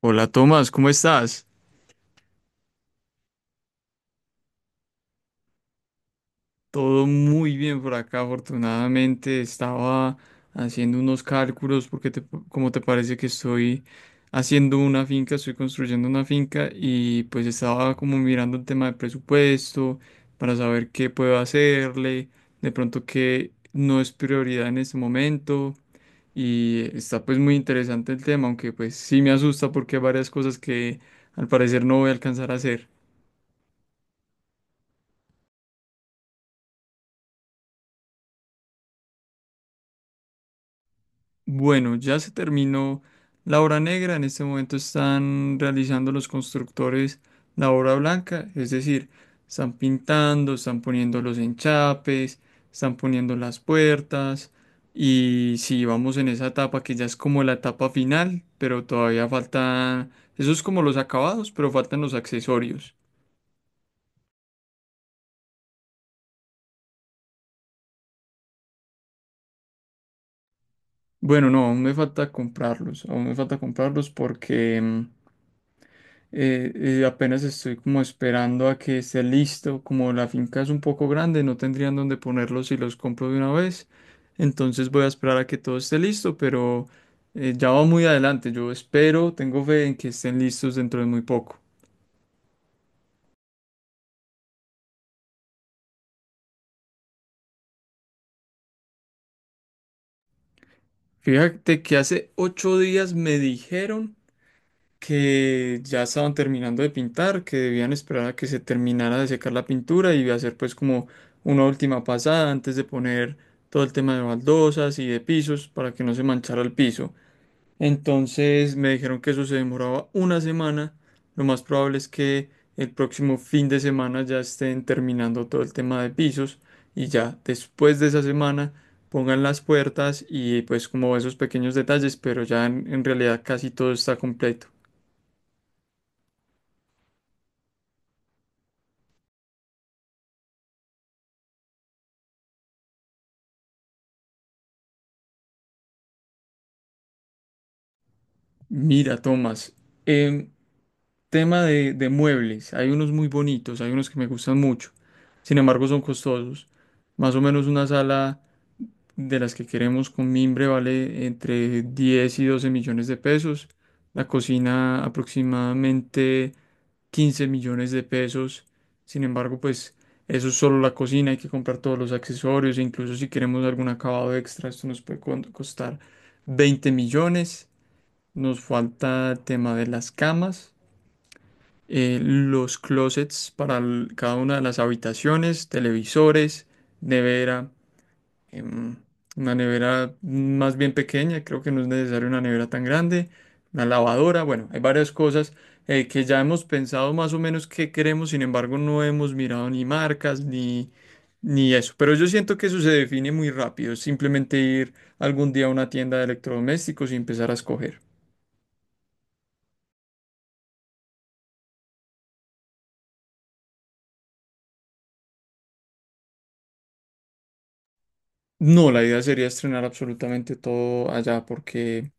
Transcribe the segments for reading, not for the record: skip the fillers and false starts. Hola Tomás, ¿cómo estás? Todo muy bien por acá, afortunadamente. Estaba haciendo unos cálculos porque como te parece que estoy haciendo una finca, estoy construyendo una finca y pues estaba como mirando el tema de presupuesto para saber qué puedo hacerle, de pronto qué no es prioridad en este momento y está pues muy interesante el tema, aunque pues sí me asusta porque hay varias cosas que al parecer no voy a alcanzar a hacer. Bueno, ya se terminó la obra negra. En este momento están realizando los constructores la obra blanca, es decir, están pintando, están poniendo los enchapes, están poniendo las puertas. Y si vamos en esa etapa que ya es como la etapa final, pero todavía faltan, eso es como los acabados, pero faltan los accesorios. Bueno, no, aún me falta comprarlos, aún me falta comprarlos porque apenas estoy como esperando a que esté listo, como la finca es un poco grande, no tendrían dónde ponerlos si los compro de una vez. Entonces voy a esperar a que todo esté listo, pero ya va muy adelante. Yo espero, tengo fe en que estén listos dentro de muy poco. Fíjate que hace 8 días me dijeron que ya estaban terminando de pintar, que debían esperar a que se terminara de secar la pintura y hacer pues como una última pasada antes de poner todo el tema de baldosas y de pisos para que no se manchara el piso. Entonces me dijeron que eso se demoraba una semana. Lo más probable es que el próximo fin de semana ya estén terminando todo el tema de pisos y ya después de esa semana pongan las puertas y pues como esos pequeños detalles, pero ya en realidad casi todo está completo. Mira, Tomás, em, tema de muebles, hay unos muy bonitos, hay unos que me gustan mucho, sin embargo son costosos. Más o menos una sala de las que queremos con mimbre vale entre 10 y 12 millones de pesos, la cocina aproximadamente 15 millones de pesos, sin embargo pues eso es solo la cocina, hay que comprar todos los accesorios e incluso si queremos algún acabado extra, esto nos puede costar 20 millones. Nos falta el tema de las camas, los closets para cada una de las habitaciones, televisores, nevera, em, una nevera más bien pequeña, creo que no es necesario una nevera tan grande, una lavadora, bueno, hay varias cosas que ya hemos pensado más o menos qué queremos, sin embargo no hemos mirado ni marcas ni eso, pero yo siento que eso se define muy rápido, es simplemente ir algún día a una tienda de electrodomésticos y empezar a escoger. No, la idea sería estrenar absolutamente todo allá porque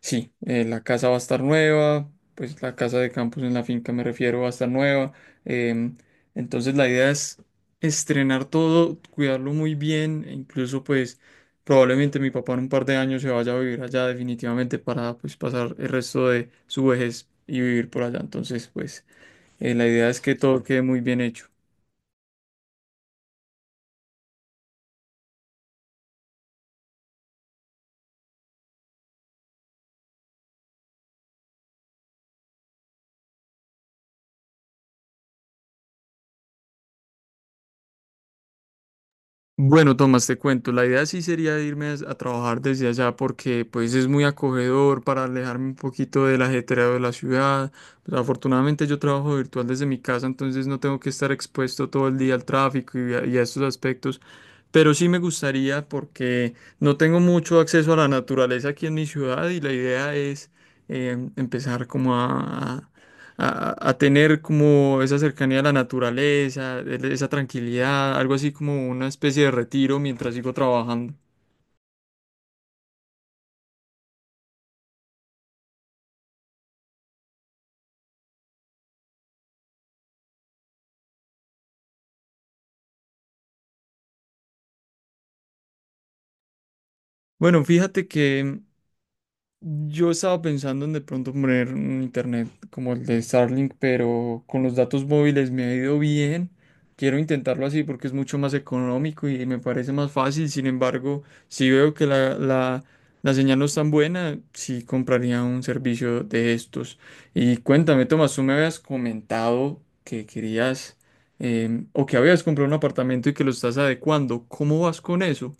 sí, la casa va a estar nueva, pues la casa de campus en la finca me refiero va a estar nueva. em, entonces la idea es estrenar todo, cuidarlo muy bien, e incluso pues probablemente mi papá en un par de años se vaya a vivir allá definitivamente para pues pasar el resto de su vejez y vivir por allá. Entonces pues la idea es que todo quede muy bien hecho. Bueno, Tomás, te cuento, la idea sí sería irme a trabajar desde allá porque pues es muy acogedor para alejarme un poquito del ajetreo de la ciudad. Pues, afortunadamente yo trabajo virtual desde mi casa, entonces no tengo que estar expuesto todo el día al tráfico y a estos aspectos. Pero sí me gustaría porque no tengo mucho acceso a la naturaleza aquí en mi ciudad y la idea es empezar a tener como esa cercanía a la naturaleza, esa tranquilidad, algo así como una especie de retiro mientras sigo trabajando. Bueno, fíjate que yo estaba pensando en de pronto poner un internet como el de Starlink, pero con los datos móviles me ha ido bien. Quiero intentarlo así porque es mucho más económico y me parece más fácil. Sin embargo, si veo que la señal no es tan buena, sí compraría un servicio de estos. Y cuéntame, Tomás, tú me habías comentado que querías o que habías comprado un apartamento y que lo estás adecuando. ¿Cómo vas con eso?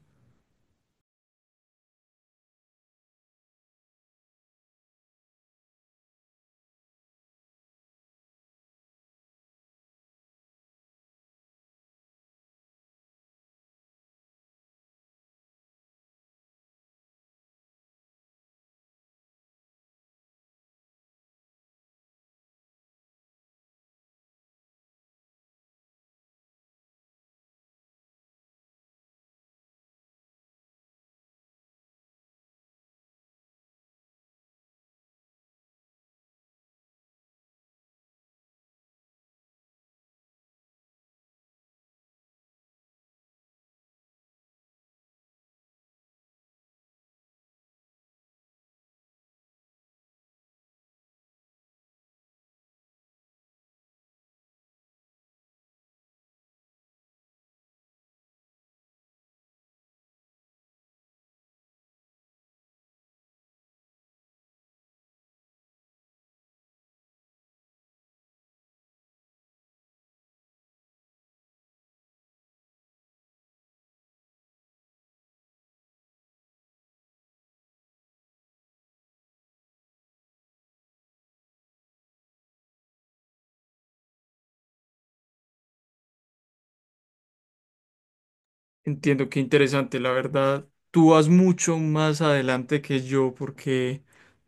Entiendo, qué interesante, la verdad. Tú vas mucho más adelante que yo porque,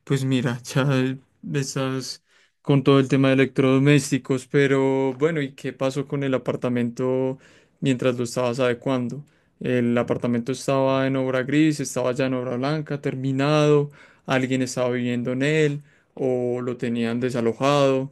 pues mira, ya estás con todo el tema de electrodomésticos, pero bueno, ¿y qué pasó con el apartamento mientras lo estabas adecuando? El apartamento estaba en obra gris, estaba ya en obra blanca, terminado, alguien estaba viviendo en él o lo tenían desalojado.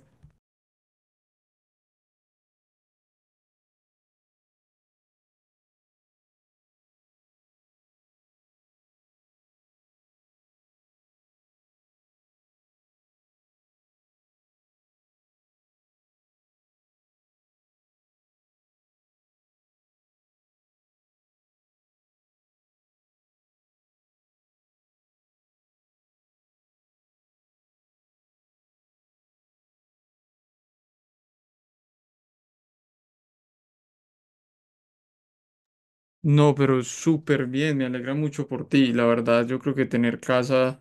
No, pero súper bien, me alegra mucho por ti. La verdad, yo creo que tener casa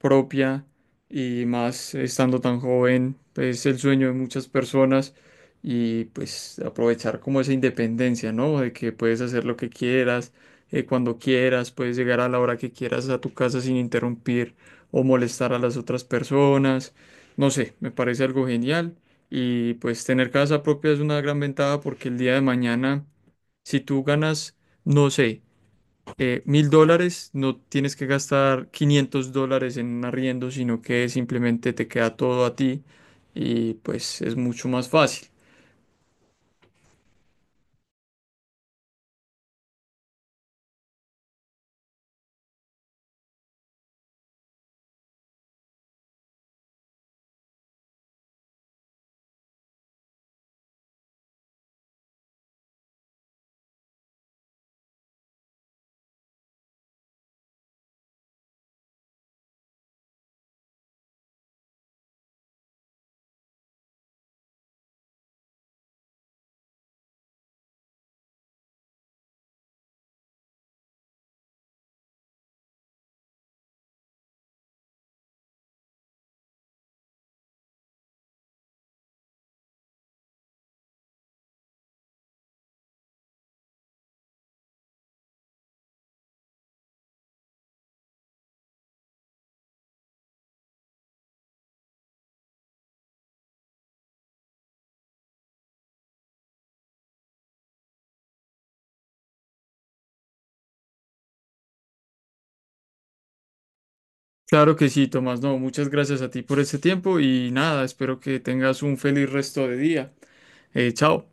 propia y más estando tan joven pues, es el sueño de muchas personas y pues aprovechar como esa independencia, ¿no? De que puedes hacer lo que quieras, cuando quieras, puedes llegar a la hora que quieras a tu casa sin interrumpir o molestar a las otras personas. No sé, me parece algo genial y pues tener casa propia es una gran ventaja porque el día de mañana si tú ganas, no sé, 1.000 dólares, no tienes que gastar 500 dólares en un arriendo, sino que simplemente te queda todo a ti y pues es mucho más fácil. Claro que sí, Tomás. No, muchas gracias a ti por este tiempo y nada, espero que tengas un feliz resto de día. Chao.